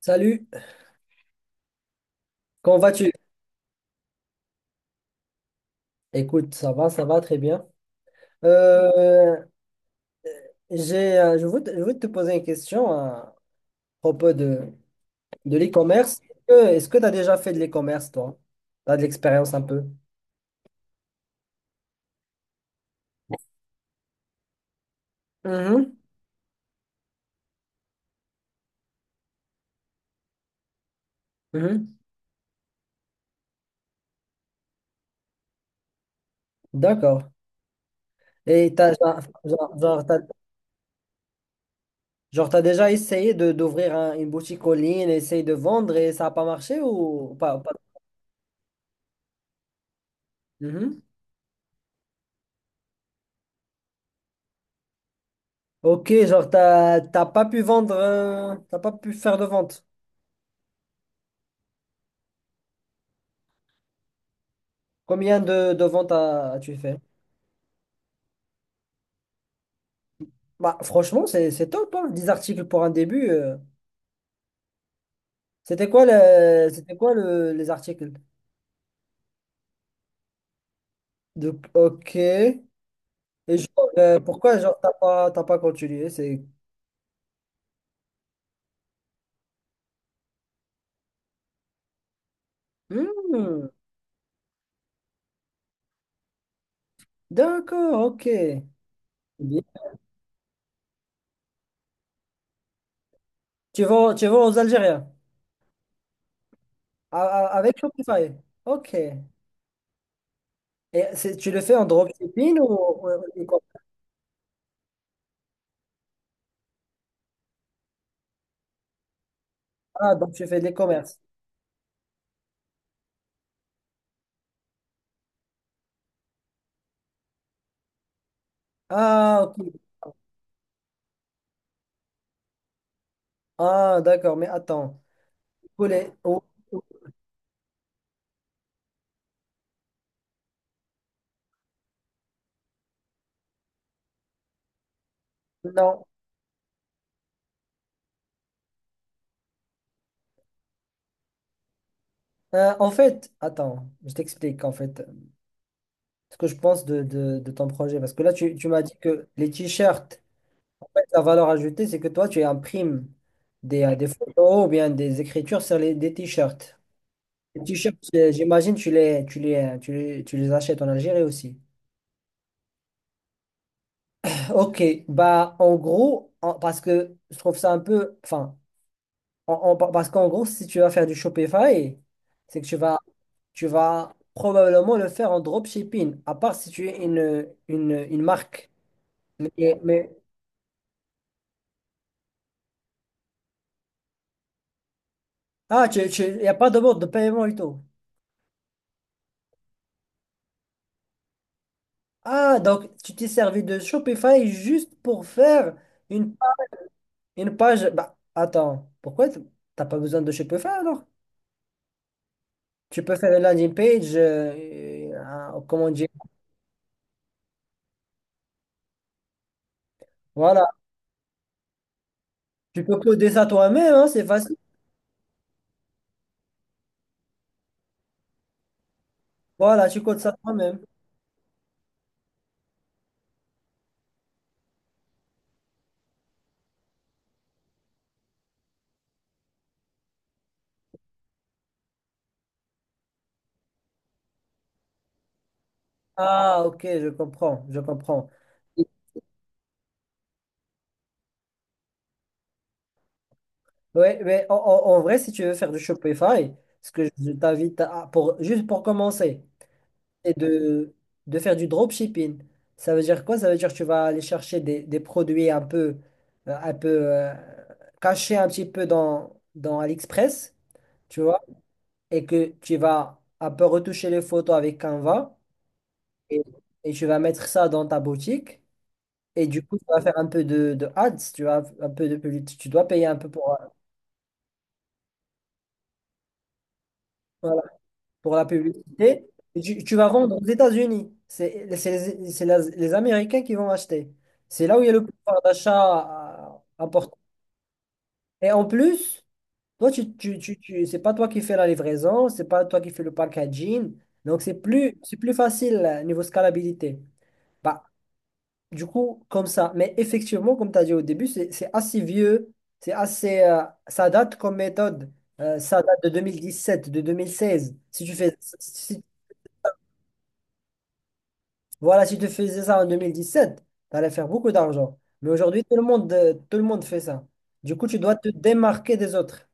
Salut, comment vas-tu? Écoute, ça va très bien. Euh, j'ai, je voulais te poser une question à propos de l'e-commerce. Est-ce que tu as déjà fait de l'e-commerce, toi? Tu as de l'expérience un peu? Mhm, mhm. D'accord. Et t'as, genre, genre, genre, t'as déjà essayé d'ouvrir une boutique en ligne, essayer de vendre et ça n'a pas marché ou pas. Mhm. Ok, genre, t'as pas pu vendre, t'as pas pu faire de vente. Combien de ventes as-tu fait? Bah, franchement, c'est top, hein, 10 articles pour un début. C'était quoi, le, les articles? Ok. Et genre, pourquoi genre t'as pas continué? C'est. Hmm, d'accord, ok. Bien. Tu vas aux Algériens a- avec Shopify. Ok. Et tu le fais en dropshipping ou e-commerce. Ah, donc tu fais des commerces. Ah, ok. Ah, d'accord, mais attends. Pour les- ou- Non. En fait, attends, je t'explique en fait, ce que je pense de ton projet. Parce que là, tu m'as dit que les t-shirts, en fait, la valeur ajoutée, c'est que toi, tu imprimes des photos ou bien des écritures sur des t-shirts. Les t-shirts, j'imagine, tu les achètes en Algérie aussi. Ok, bah en gros, parce que je trouve ça un peu, enfin, parce qu'en gros, si tu vas faire du Shopify, c'est que tu vas probablement le faire en dropshipping, à part si tu es une marque. Mais, mais Ah, y a pas de mode de paiement et tout. Ah, donc tu t'es servi de Shopify juste pour faire une, pa- une page. Bah, attends, pourquoi t'as pas besoin de Shopify alors? Tu peux faire une landing page, comment dire? Voilà, tu peux coder ça toi-même, hein, c'est facile. Voilà, tu codes ça toi-même. Ah, ok, je comprends, je comprends. Ouais, mais en vrai, si tu veux faire du Shopify, ce que je t'invite à, juste pour commencer, c'est de faire du dropshipping. Ça veut dire quoi? Ça veut dire que tu vas aller chercher des produits un peu cachés un petit peu dans AliExpress, tu vois, et que tu vas un peu retoucher les photos avec Canva et, et tu vas mettre ça dans ta boutique. Et du coup, tu vas faire un peu de ads, tu vois, un peu de publicité. Tu dois payer un peu euh, pour la publicité. Et tu vas vendre aux États-Unis. C'est les Américains qui vont acheter. C'est là où il y a le pouvoir d'achat important. Et en plus, toi, c'est pas toi qui fais la livraison, c'est pas toi qui fais le packaging. Donc, c'est plus facile niveau scalabilité. Bah, du coup, comme ça. Mais effectivement, comme tu as dit au début, c'est assez vieux. Ça date comme méthode. Ça date de 2017, de 2016. Si tu fais, si Voilà, si tu faisais ça en 2017, tu allais faire beaucoup d'argent. Mais aujourd'hui, tout le monde fait ça. Du coup, tu dois te démarquer des autres.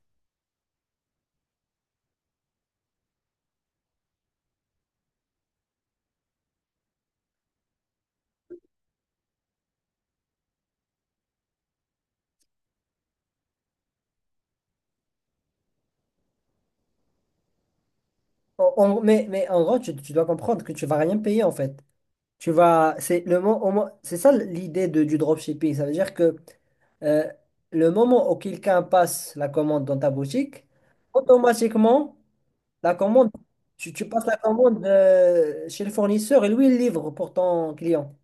Mais en gros, tu dois comprendre que tu vas rien payer en fait. Tu vas, c'est le mo- au moins- c'est ça l'idée du dropshipping. Ça veut dire que euh, le moment où quelqu'un passe la commande dans ta boutique, automatiquement, la commande, tu passes la commande chez le fournisseur et lui, il livre pour ton client.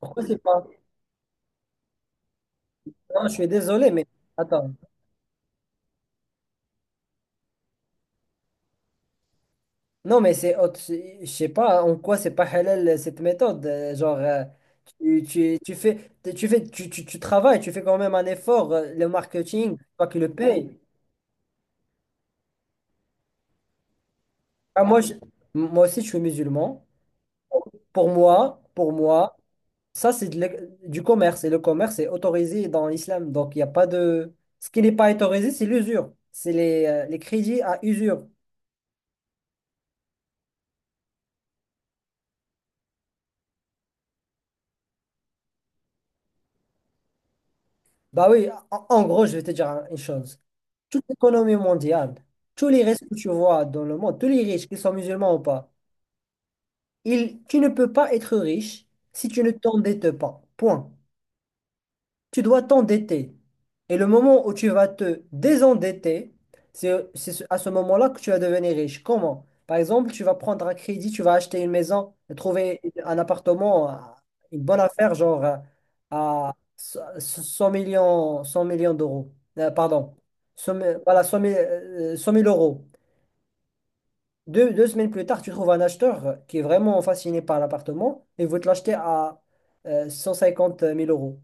Pourquoi c'est pas? Non, je suis désolé, mais attends. Non, mais c'est autre. Je sais pas en quoi c'est pas halal cette méthode. Genre, tu, tu, tu fais, tu fais, tu travailles, tu fais quand même un effort. Le marketing, c'est toi qui le paye. Ah, moi aussi, je suis musulman. Pour moi, ça, c'est du commerce. Et le commerce est autorisé dans l'islam. Donc, il n'y a pas de. Ce qui n'est pas autorisé, c'est l'usure. C'est les crédits à usure. Bah oui, en gros, je vais te dire une chose. Toute l'économie mondiale, tous les restes que tu vois dans le monde, tous les riches, qu'ils soient musulmans ou pas, tu ne peux pas être riche si tu ne t'endettes pas. Point. Tu dois t'endetter. Et le moment où tu vas te désendetter, à ce moment-là que tu vas devenir riche. Comment? Par exemple, tu vas prendre un crédit, tu vas acheter une maison, trouver un appartement, une bonne affaire, genre à 100 millions, 100 millions d'euros. Pardon. 100 000 voilà, 100 000 100 000 euros. Deux semaines plus tard, tu trouves un acheteur qui est vraiment fasciné par l'appartement et veut te l'acheter à 150 000 euros.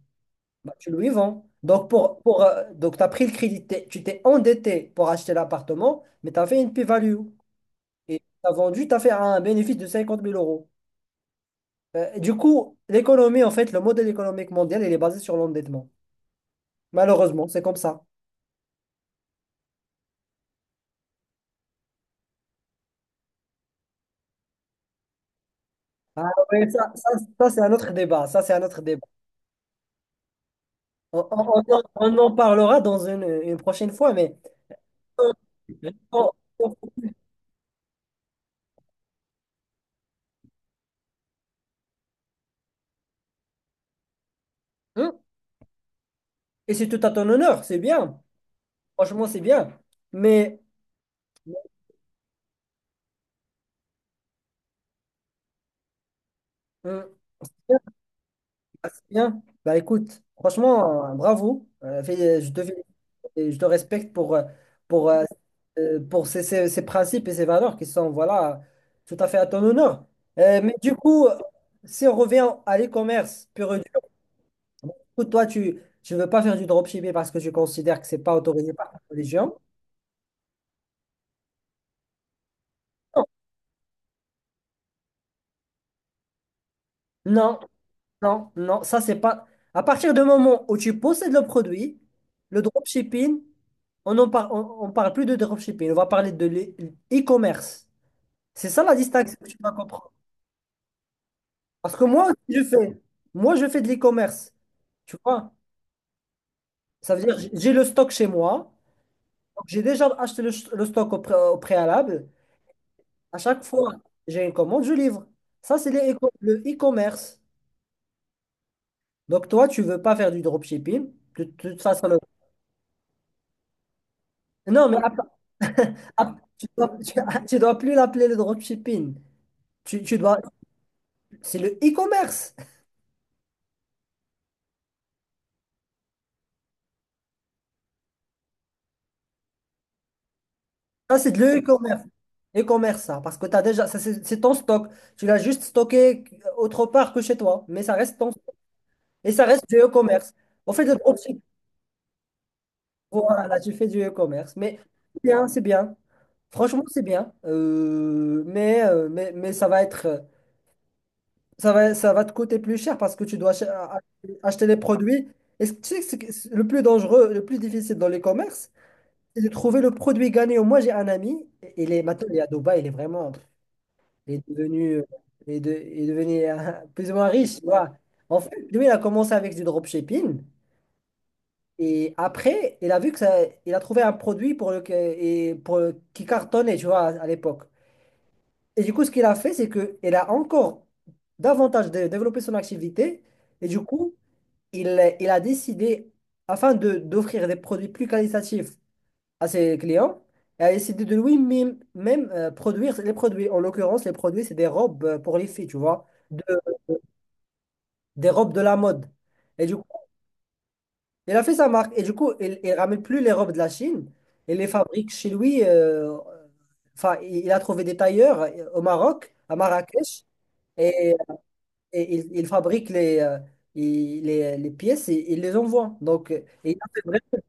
Bah, tu lui vends. Donc, tu as pris le crédit, tu t'es endetté pour acheter l'appartement, mais tu as fait une plus-value. Et tu as vendu, tu as fait un bénéfice de 50 000 euros. Et du coup, l'économie, en fait, le modèle économique mondial, il est basé sur l'endettement. Malheureusement, c'est comme ça. Ah, ouais, ça, c'est un autre débat. Ça, c'est un autre débat. On en parlera dans une prochaine fois, mais... bon. Hein. Et c'est tout à ton honneur, c'est bien. Franchement, c'est bien. Mais hein, c'est bien, c'est bien. Bah écoute, franchement, bravo. Je te félicite et je te respecte pour, euh, pour ces principes et ces valeurs qui sont, voilà, tout à fait à ton honneur. Mais du coup, si on revient à l'e-commerce pur et dur, bon, du toi, tu ne veux pas faire du dropshipping parce que tu considères que c'est pas autorisé par la religion. Non, non, non, ça c'est pas. À partir du moment où tu possèdes le produit, le dropshipping, on ne parle, on parle plus de dropshipping, on va parler de l'e-commerce. C'est ça la distinction que tu dois comprendre. Parce que moi, si je fais, moi, je fais de l'e-commerce. Tu vois? Ça veut dire, j'ai le stock chez moi. Donc, j'ai déjà acheté le stock au préalable. À chaque fois, j'ai une commande, je livre. Ça, c'est le e-commerce. Donc, toi, tu veux pas faire du dropshipping. De toute façon, non, Ah, tu dois plus l'appeler le dropshipping. Tu, tu dois, c'est le e-commerce. Ça, c'est de le e-commerce. E-commerce, ça. Parce que t'as déjà, ça, c'est ton stock. Tu l'as juste stocké autre part que chez toi. Mais ça reste ton stock. Et ça reste du e-commerce. On fait, le dropshipping. Voilà, tu fais du e-commerce. Mais c'est bien, c'est bien. Franchement, c'est bien. Mais ça va être, ça va te coûter plus cher parce que tu dois acheter les produits. Et tu sais que c'est le plus dangereux, le plus difficile dans l'e-commerce, c'est de trouver le produit gagnant. Moi, j'ai un ami, il est à Dubaï, il est vraiment, il est devenu, il est devenu plus ou moins riche, tu vois. En fait, lui, il a commencé avec du dropshipping et après, il a vu que ça, il a trouvé un produit pour le, et pour le- qui cartonnait, tu vois, à l'époque. Et du coup, ce qu'il a fait, c'est que il a encore davantage développé son activité et du coup, il a décidé, afin de d'offrir des produits plus qualitatifs à ses clients et a décidé de lui-même même, produire les produits. En l'occurrence, les produits, c'est des robes pour les filles, tu vois, des robes de la mode. Et du coup, il a fait sa marque. Et du coup, il ne ramène plus les robes de la Chine. Il les fabrique chez lui. Enfin, il a trouvé des tailleurs au Maroc, à Marrakech, et, et il fabrique les pièces et il les envoie. Donc, et il a fait vraiment...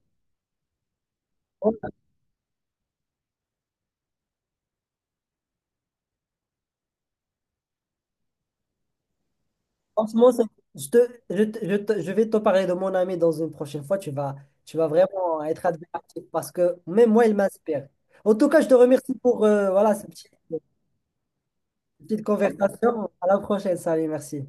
Franchement, je, te, je vais te parler de mon ami dans une prochaine fois. Tu vas vraiment être admiratif parce que même moi, il m'inspire. En tout cas, je te remercie pour voilà, cette petite conversation. À la prochaine. Salut, merci.